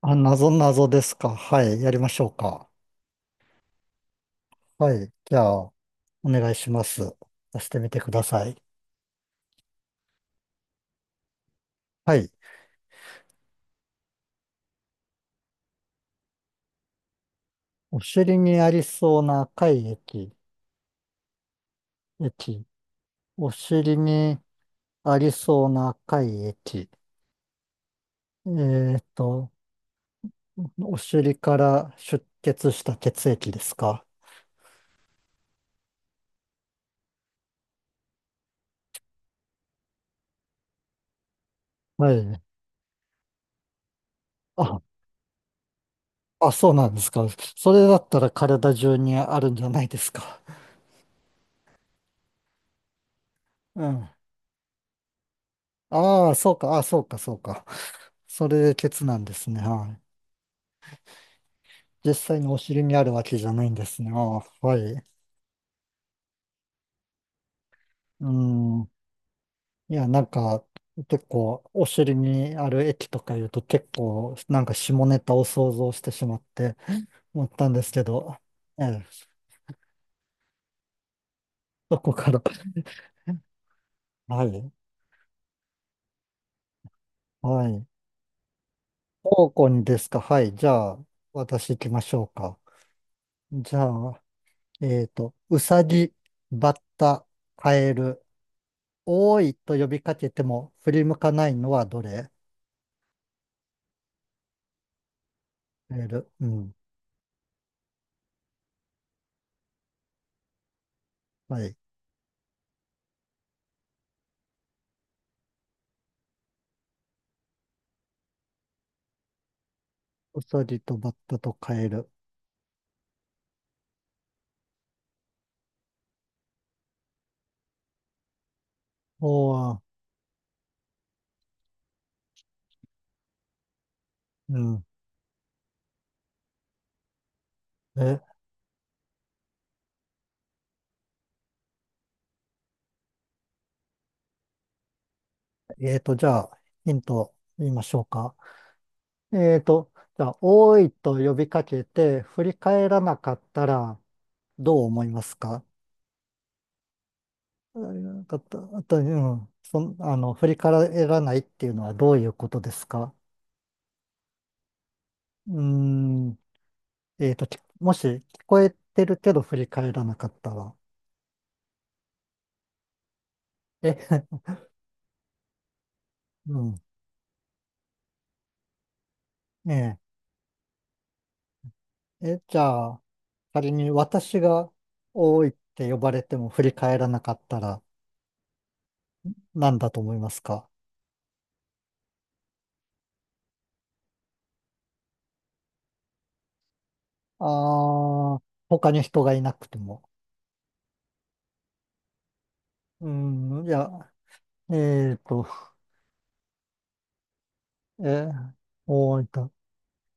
あ、謎謎ですか。はい。やりましょうか。はい。じゃあ、お願いします。出してみてください。はい。お尻にありそうな赤い液。液。お尻にありそうな赤い液。えーっと、お尻から出血した血液ですか。はい。あ、あ、そうなんですか。それだったら体中にあるんじゃないですか。うん。ああ、そうか。ああ、そうか、そうか。それで血なんですね。はい。実際のお尻にあるわけじゃないんですね。ああ、はい。うん。いや、結構、お尻にある液とか言うと結構、なんか下ネタを想像してしまって思ったんですけど、ええ、そこから はい。はい。方向にですか。はい。じゃあ、私行きましょうか。じゃあ、うさぎ、バッタ、カエル、おーいと呼びかけても振り向かないのはどれ？カエル。うん。はい。ウサギとバッタとカエル。おー、うん。え、じゃあ、ヒント言いましょうか。じゃあ、おーいと呼びかけて、振り返らなかったら、どう思いますか？うんなんかあと、うん、そん、振り返らないっていうのはどういうことですか？うーん、きもし聞こえてるけど振り返らなかったら。え、うん、えええ、じゃあ、仮に私が多いって呼ばれても振り返らなかったら何だと思いますか？ああー、他に人がいなくても。うん、いや、えーと、えー、多いと。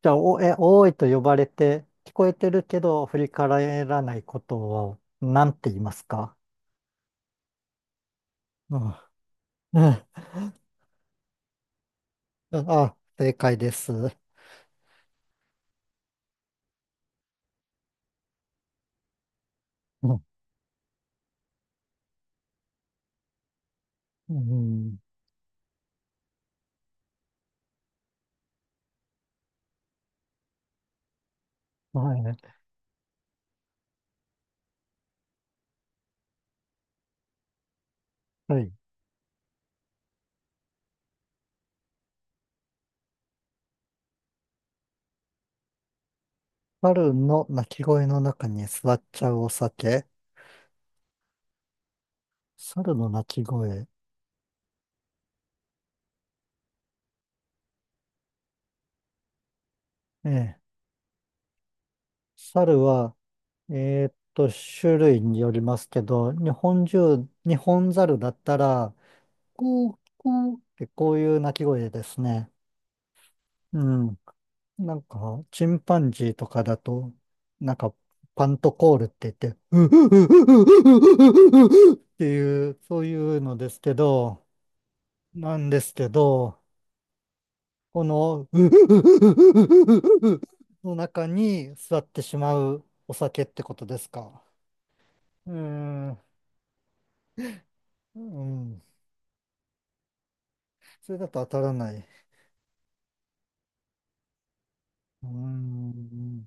じゃあ、お、え、多いと呼ばれて聞こえてるけど振り返らないことを何て言いますか？うん。うんあ、正解です。うんうん、はい。はい。猿の鳴き声の中に座っちゃうお酒。猿の鳴き声。ええ。猿は、種類によりますけど、日本中、日本猿だったら、こう、こうってこういう鳴き声ですね。うん。なんか、チンパンジーとかだと、なんか、パントコールって言って、うううううううううううっていう、そういうのですけど、なんですけど、この、の中に座ってしまうお酒ってことですか。うーん、うん、それだと当たらない。うーん、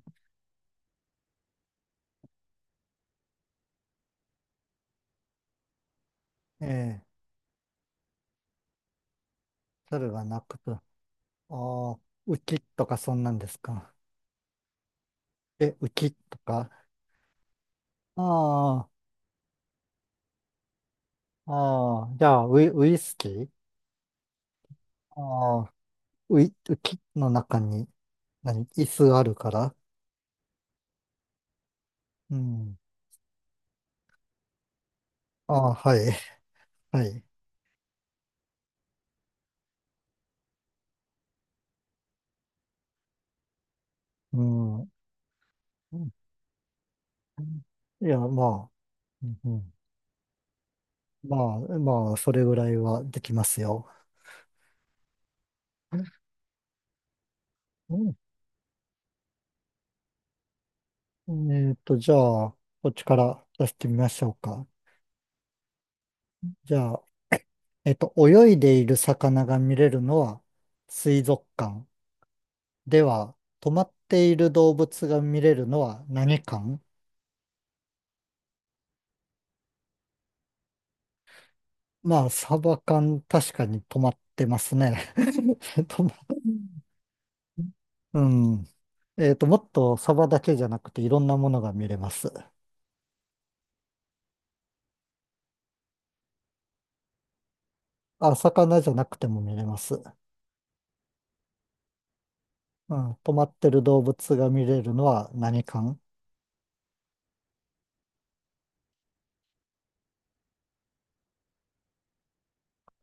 ええ、猿が鳴くと。ああ、浮きとかそんなんですか。え、浮きとか。ああ、ああ、じゃあ、ウイ、ウイスキーああ、ウイ、浮きの中に、何、椅子があるから。うん。ああ、はい、はい。うん。いや、まあ。うんうんまあ、まあ、それぐらいはできますよ。うんじゃあ、こっちから出してみましょうか。じゃあ、泳いでいる魚が見れるのは水族館。では、止まっている動物が見れるのは何館？まあ、サバ缶、確かに止まってますね。止ま、うん。えっと、もっとサバだけじゃなくていろんなものが見れます。あ、魚じゃなくても見れます。うん、止まってる動物が見れるのは何館？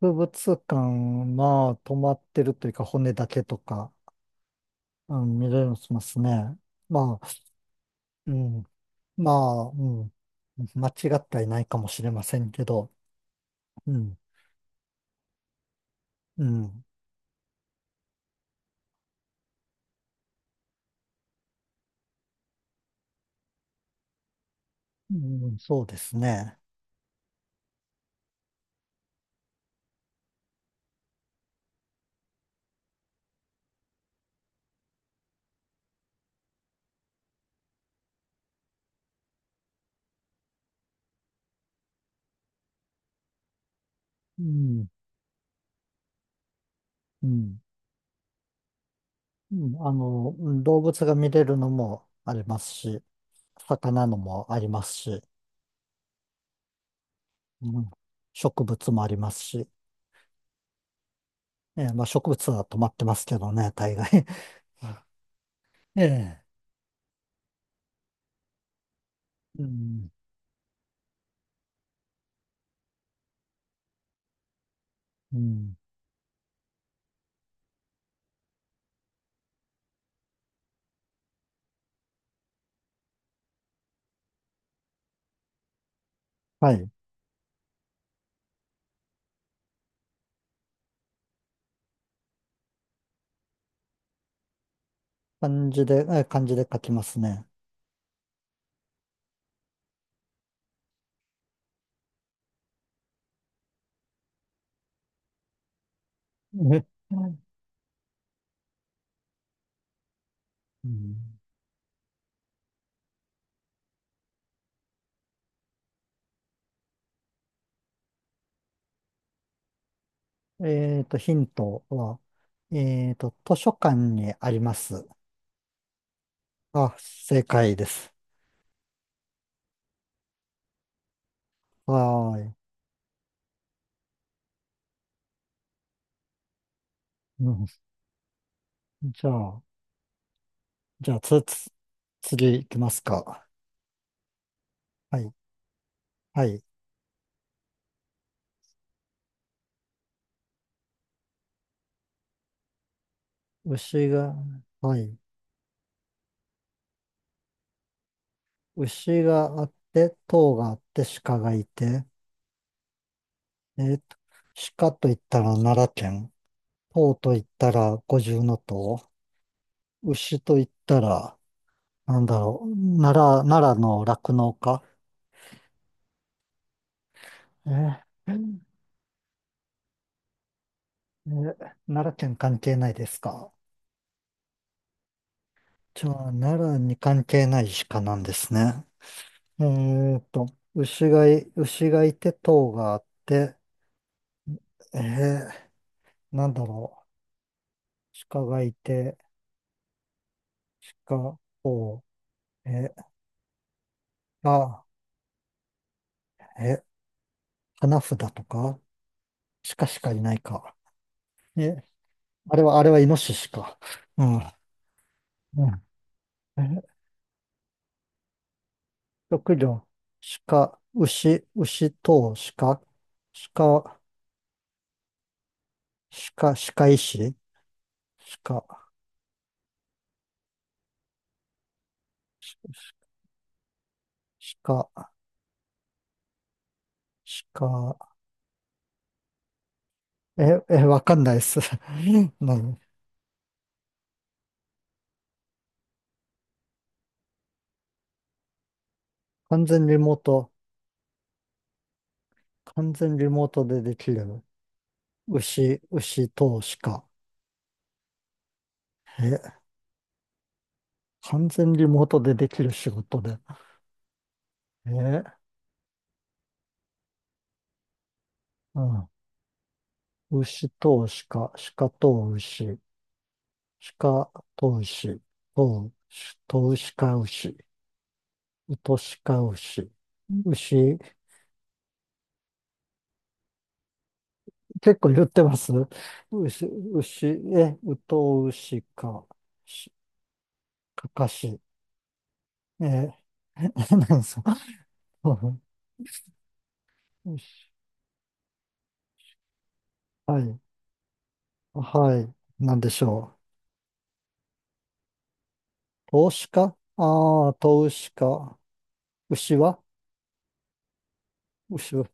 博物館は止まってるというか骨だけとか、うん、見れますね。まあ、うん、まあ、うん、間違ってはいないかもしれませんけど、うん、うん、うん、そうですね。うん、うん、うんうん動物が見れるのもありますし、魚のもありますし、うん、植物もありますし、えーまあ植物は止まってますけどね、大概。あええ、うん、うん、はい。漢字で、え漢字で書きますね。え、うんヒントは、図書館にあります。あ、正解です。はーい。うん、じゃあ、じゃあ、つ、つ、次行きますか。はい。はい。牛が、はい。牛があって、塔があって、鹿がいて、えっと、鹿と言ったら奈良県。唐と言ったら五重の塔、牛と言ったら、なんだろう、奈良、奈良の酪農家。えーえー奈良県関係ないですか？じゃあ、奈良に関係ない鹿なんですね。えーと、牛がい、牛がいて、塔があって、えー、なんだろう、鹿がいて、鹿、塔、えー、あ、えー、花札とか、鹿しかいないか。え、あれは、あれはイノシシか。うんうん。え、職業、鹿、牛、牛等、鹿、鹿、鹿、鹿医師、鹿、鹿、鹿、え、え、わかんないです。何完全リモート、完全リモートでできる。牛、牛等、鹿。え、完全リモートでできる仕事で。え、うん。牛等、鹿、鹿等、牛、鹿等、牛、等、等、か牛。トシカウシ。牛、結構言ってます牛、牛、え、ウトウシか、し、かかし、え、え何ですか牛 はい、はい、なんでしょう。投資かああー、投資か。牛は牛は、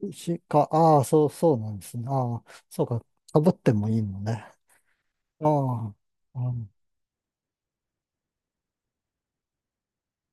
牛か。ああ、そう、そうなんですね。ああ、そうか。かぶってもいいのね。ああ、うん